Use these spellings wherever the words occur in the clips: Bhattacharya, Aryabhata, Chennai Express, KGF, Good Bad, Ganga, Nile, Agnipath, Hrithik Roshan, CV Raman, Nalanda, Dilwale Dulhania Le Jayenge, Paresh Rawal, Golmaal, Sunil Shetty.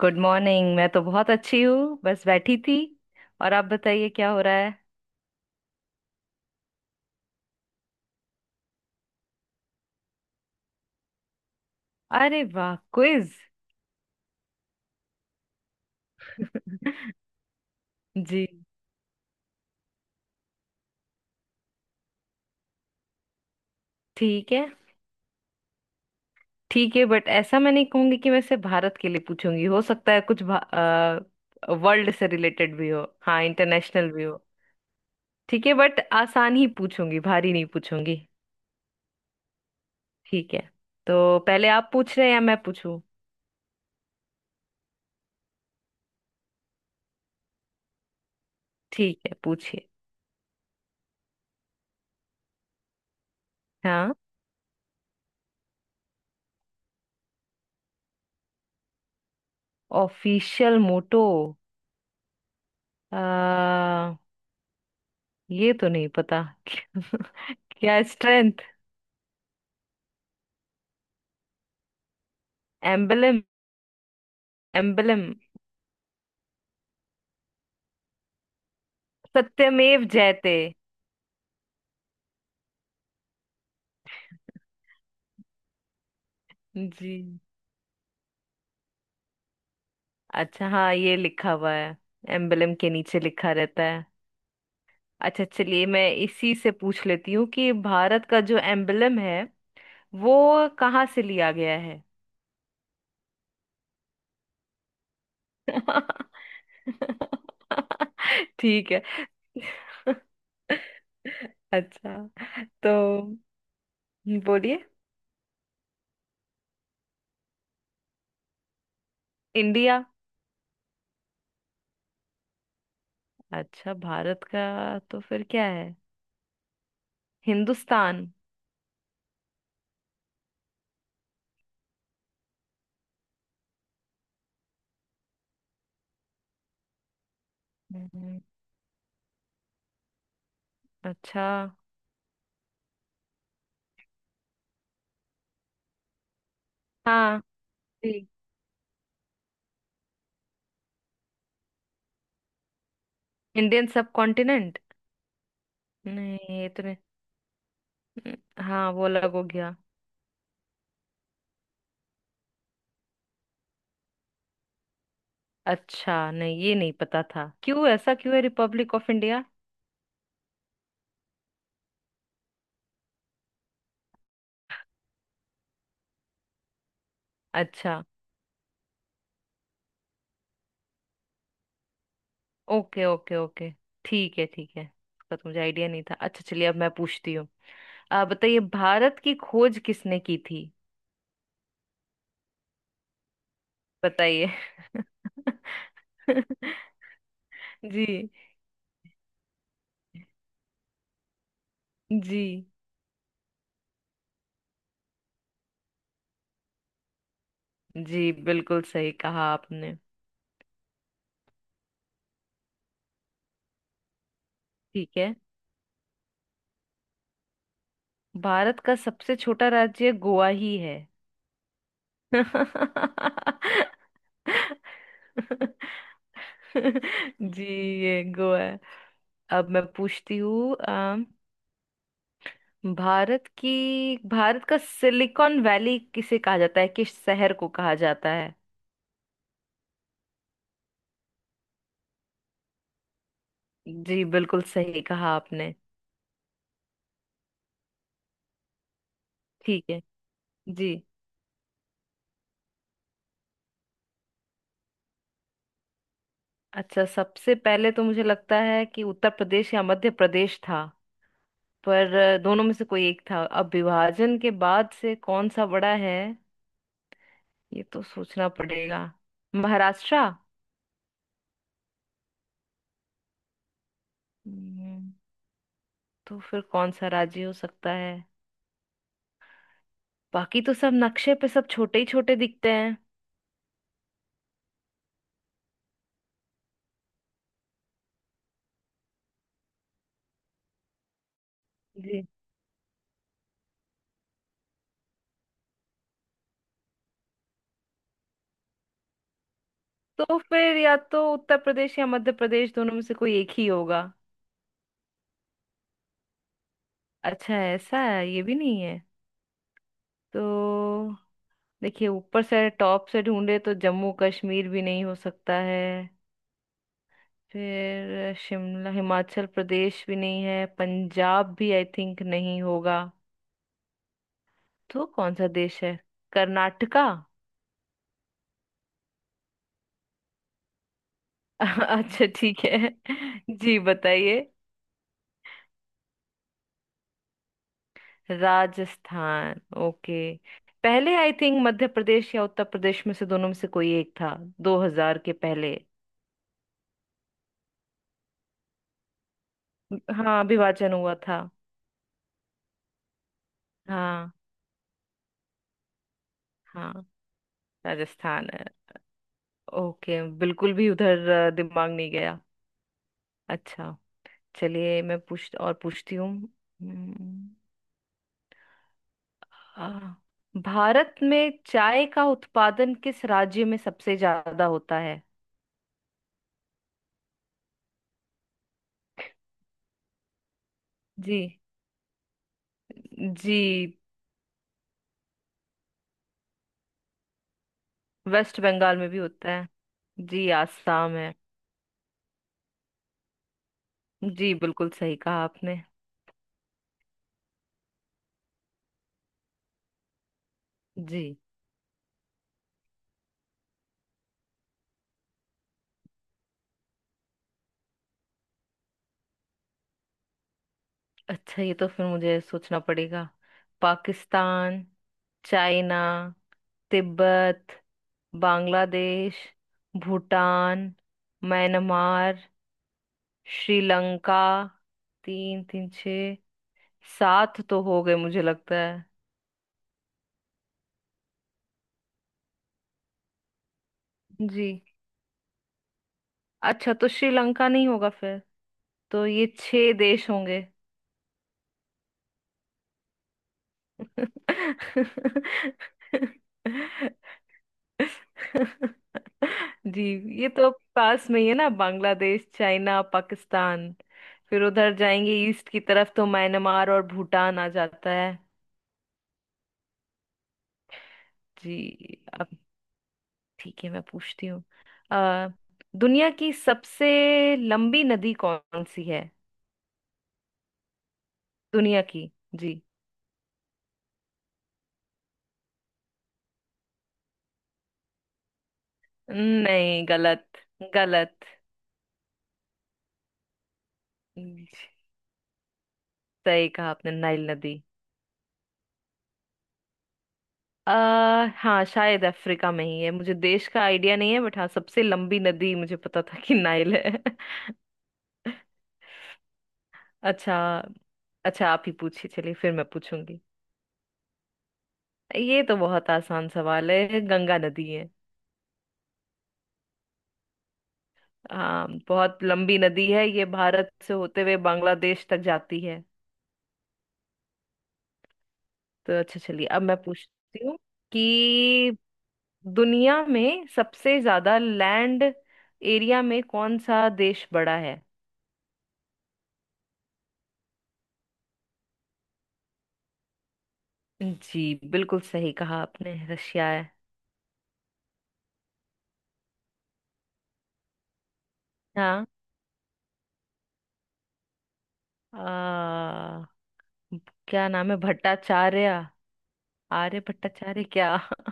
Good morning. मैं तो बहुत अच्छी हूँ, बस बैठी थी। और आप बताइए क्या हो रहा है। अरे वाह, क्विज। जी। ठीक है। ठीक है, बट ऐसा मैं नहीं कहूंगी कि मैं सिर्फ भारत के लिए पूछूंगी, हो सकता है कुछ वर्ल्ड से रिलेटेड भी हो, हाँ इंटरनेशनल भी हो। ठीक है, बट आसान ही पूछूंगी, भारी नहीं पूछूंगी। ठीक है। तो पहले आप पूछ रहे हैं या मैं पूछूं? ठीक है, पूछिए। हाँ। ऑफिशियल मोटो। आ, ये तो नहीं पता। क्या स्ट्रेंथ? एम्बलम। एम्बलम। सत्यमेव जयते। जी। अच्छा, हाँ ये लिखा हुआ है। एम्बलम के नीचे लिखा रहता है। अच्छा, चलिए मैं इसी से पूछ लेती हूँ कि भारत का जो एम्बलम है, वो कहाँ से लिया गया है? ठीक है। अच्छा। तो बोलिए। इंडिया। अच्छा, भारत का तो फिर क्या है? हिंदुस्तान? हम्म, अच्छा। हाँ। जी। Indian subcontinent. नहीं, ये तो नहीं। न- हाँ, वो अलग हो गया। अच्छा, नहीं ये नहीं पता था। क्यों ऐसा? क्यों है रिपब्लिक ऑफ इंडिया? अच्छा। Okay, okay, okay. ठीक है, ठीक है, इसका तो मुझे आइडिया नहीं था। अच्छा, चलिए अब मैं पूछती हूँ। आप बताइए, भारत की खोज किसने की थी? बताइए। जी। जी। जी, बिल्कुल सही कहा आपने। ठीक है। भारत का सबसे छोटा राज्य गोवा ही है। जी। ये गोवा है। अब मैं पूछती हूँ। भारत की भारत का सिलिकॉन वैली किसे कहा जाता है? किस शहर को कहा जाता है? जी, बिल्कुल सही कहा आपने। ठीक है। जी। अच्छा, सबसे पहले तो मुझे लगता है कि उत्तर प्रदेश या मध्य प्रदेश था, पर दोनों में से कोई एक था। अब विभाजन के बाद से कौन सा बड़ा है? ये तो सोचना पड़ेगा। महाराष्ट्र? हम्म, तो फिर कौन सा राजी हो सकता है? बाकी तो सब नक्शे पे सब छोटे ही छोटे दिखते हैं। जी। तो फिर या तो उत्तर प्रदेश या मध्य प्रदेश, दोनों में से कोई एक ही होगा। अच्छा, ऐसा है? ये भी नहीं है? तो देखिए, ऊपर से टॉप से ढूंढे तो जम्मू कश्मीर भी नहीं हो सकता है। फिर शिमला, हिमाचल प्रदेश भी नहीं है, पंजाब भी आई थिंक नहीं होगा। तो कौन सा देश है? कर्नाटका? अच्छा, ठीक है। जी, बताइए। राजस्थान। ओके। पहले आई थिंक मध्य प्रदेश या उत्तर प्रदेश में से, दोनों में से कोई एक था 2000 के पहले। हाँ, विभाजन हुआ था। हाँ, हाँ, राजस्थान है। ओके, बिल्कुल भी उधर दिमाग नहीं गया। अच्छा, चलिए मैं पूछ और पूछती हूँ। हम्म, आ, भारत में चाय का उत्पादन किस राज्य में सबसे ज्यादा होता है? जी। जी, वेस्ट बंगाल में भी होता है। जी, आसाम है। जी, बिल्कुल सही कहा आपने। जी। अच्छा, ये तो फिर मुझे सोचना पड़ेगा। Pakistan, China, Tibet, Bangladesh, Bhutan, Myanmar, Sri Lanka. तीन, तीन, छ, सात तो हो गए, मुझे लगता है। जी। अच्छा, तो श्रीलंका नहीं होगा फिर। तो ये छह देश होंगे। जी। ये तो पास में ही है ना, बांग्लादेश, चाइना, पाकिस्तान। फिर उधर जाएंगे ईस्ट की तरफ तो म्यांमार और भूटान आ जाता है। जी। अब ठीक है, मैं पूछती हूँ। अ, दुनिया की सबसे लंबी नदी कौन सी है? दुनिया की। जी नहीं, गलत। गलत। जी, सही कहा आपने। नाइल नदी। हाँ, शायद अफ्रीका में ही है। मुझे देश का आइडिया नहीं है, बट हाँ, सबसे लंबी नदी मुझे पता था कि नाइल है। अच्छा। अच्छा, आप ही पूछिए, चलिए फिर मैं पूछूंगी। ये तो बहुत आसान सवाल है। गंगा नदी है। हाँ, बहुत लंबी नदी है, ये भारत से होते हुए बांग्लादेश तक जाती है। तो अच्छा, चलिए अब मैं पूछती हूँ कि दुनिया में सबसे ज्यादा लैंड एरिया में कौन सा देश बड़ा है? जी, बिल्कुल सही कहा आपने। रशिया है। हाँ, आ, क्या नाम है? भट्टाचार्य? आर्य भट्टाचार्य, क्या।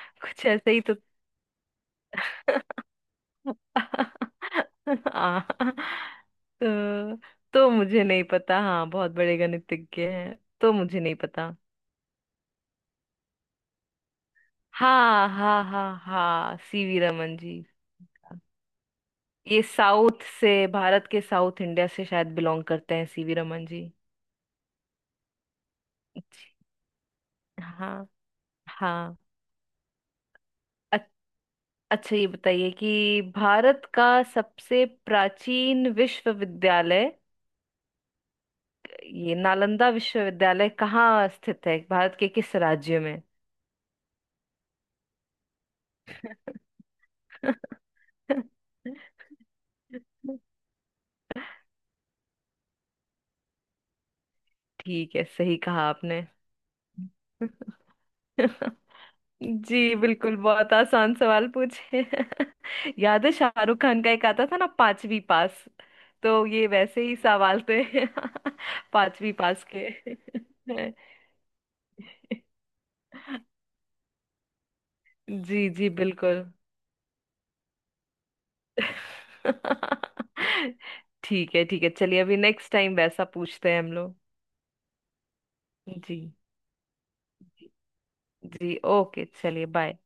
कुछ ऐसे ही तो। आ, तो तो मुझे नहीं पता। हाँ, बहुत बड़े गणितज्ञ हैं। तो मुझे नहीं पता। हाँ, हाँ, हाँ, हाँ, सीवी रमन जी। ये साउथ से भारत के साउथ इंडिया से शायद बिलोंग करते हैं, सीवी रमन जी। जी। हाँ। हाँ। अच्छा, ये बताइए कि भारत का सबसे प्राचीन विश्वविद्यालय, ये नालंदा विश्वविद्यालय कहाँ स्थित है, भारत के किस राज्य में? ठीक है, सही कहा आपने। जी बिल्कुल, बहुत आसान सवाल पूछे। याद है शाहरुख खान का एक आता था ना, पांचवी पास? तो ये वैसे ही सवाल थे, पांचवी पास के। जी, जी, बिल्कुल। ठीक है, ठीक है, चलिए अभी नेक्स्ट टाइम वैसा पूछते हैं हम लोग। जी। जी। जी, ओके चलिए, बाय।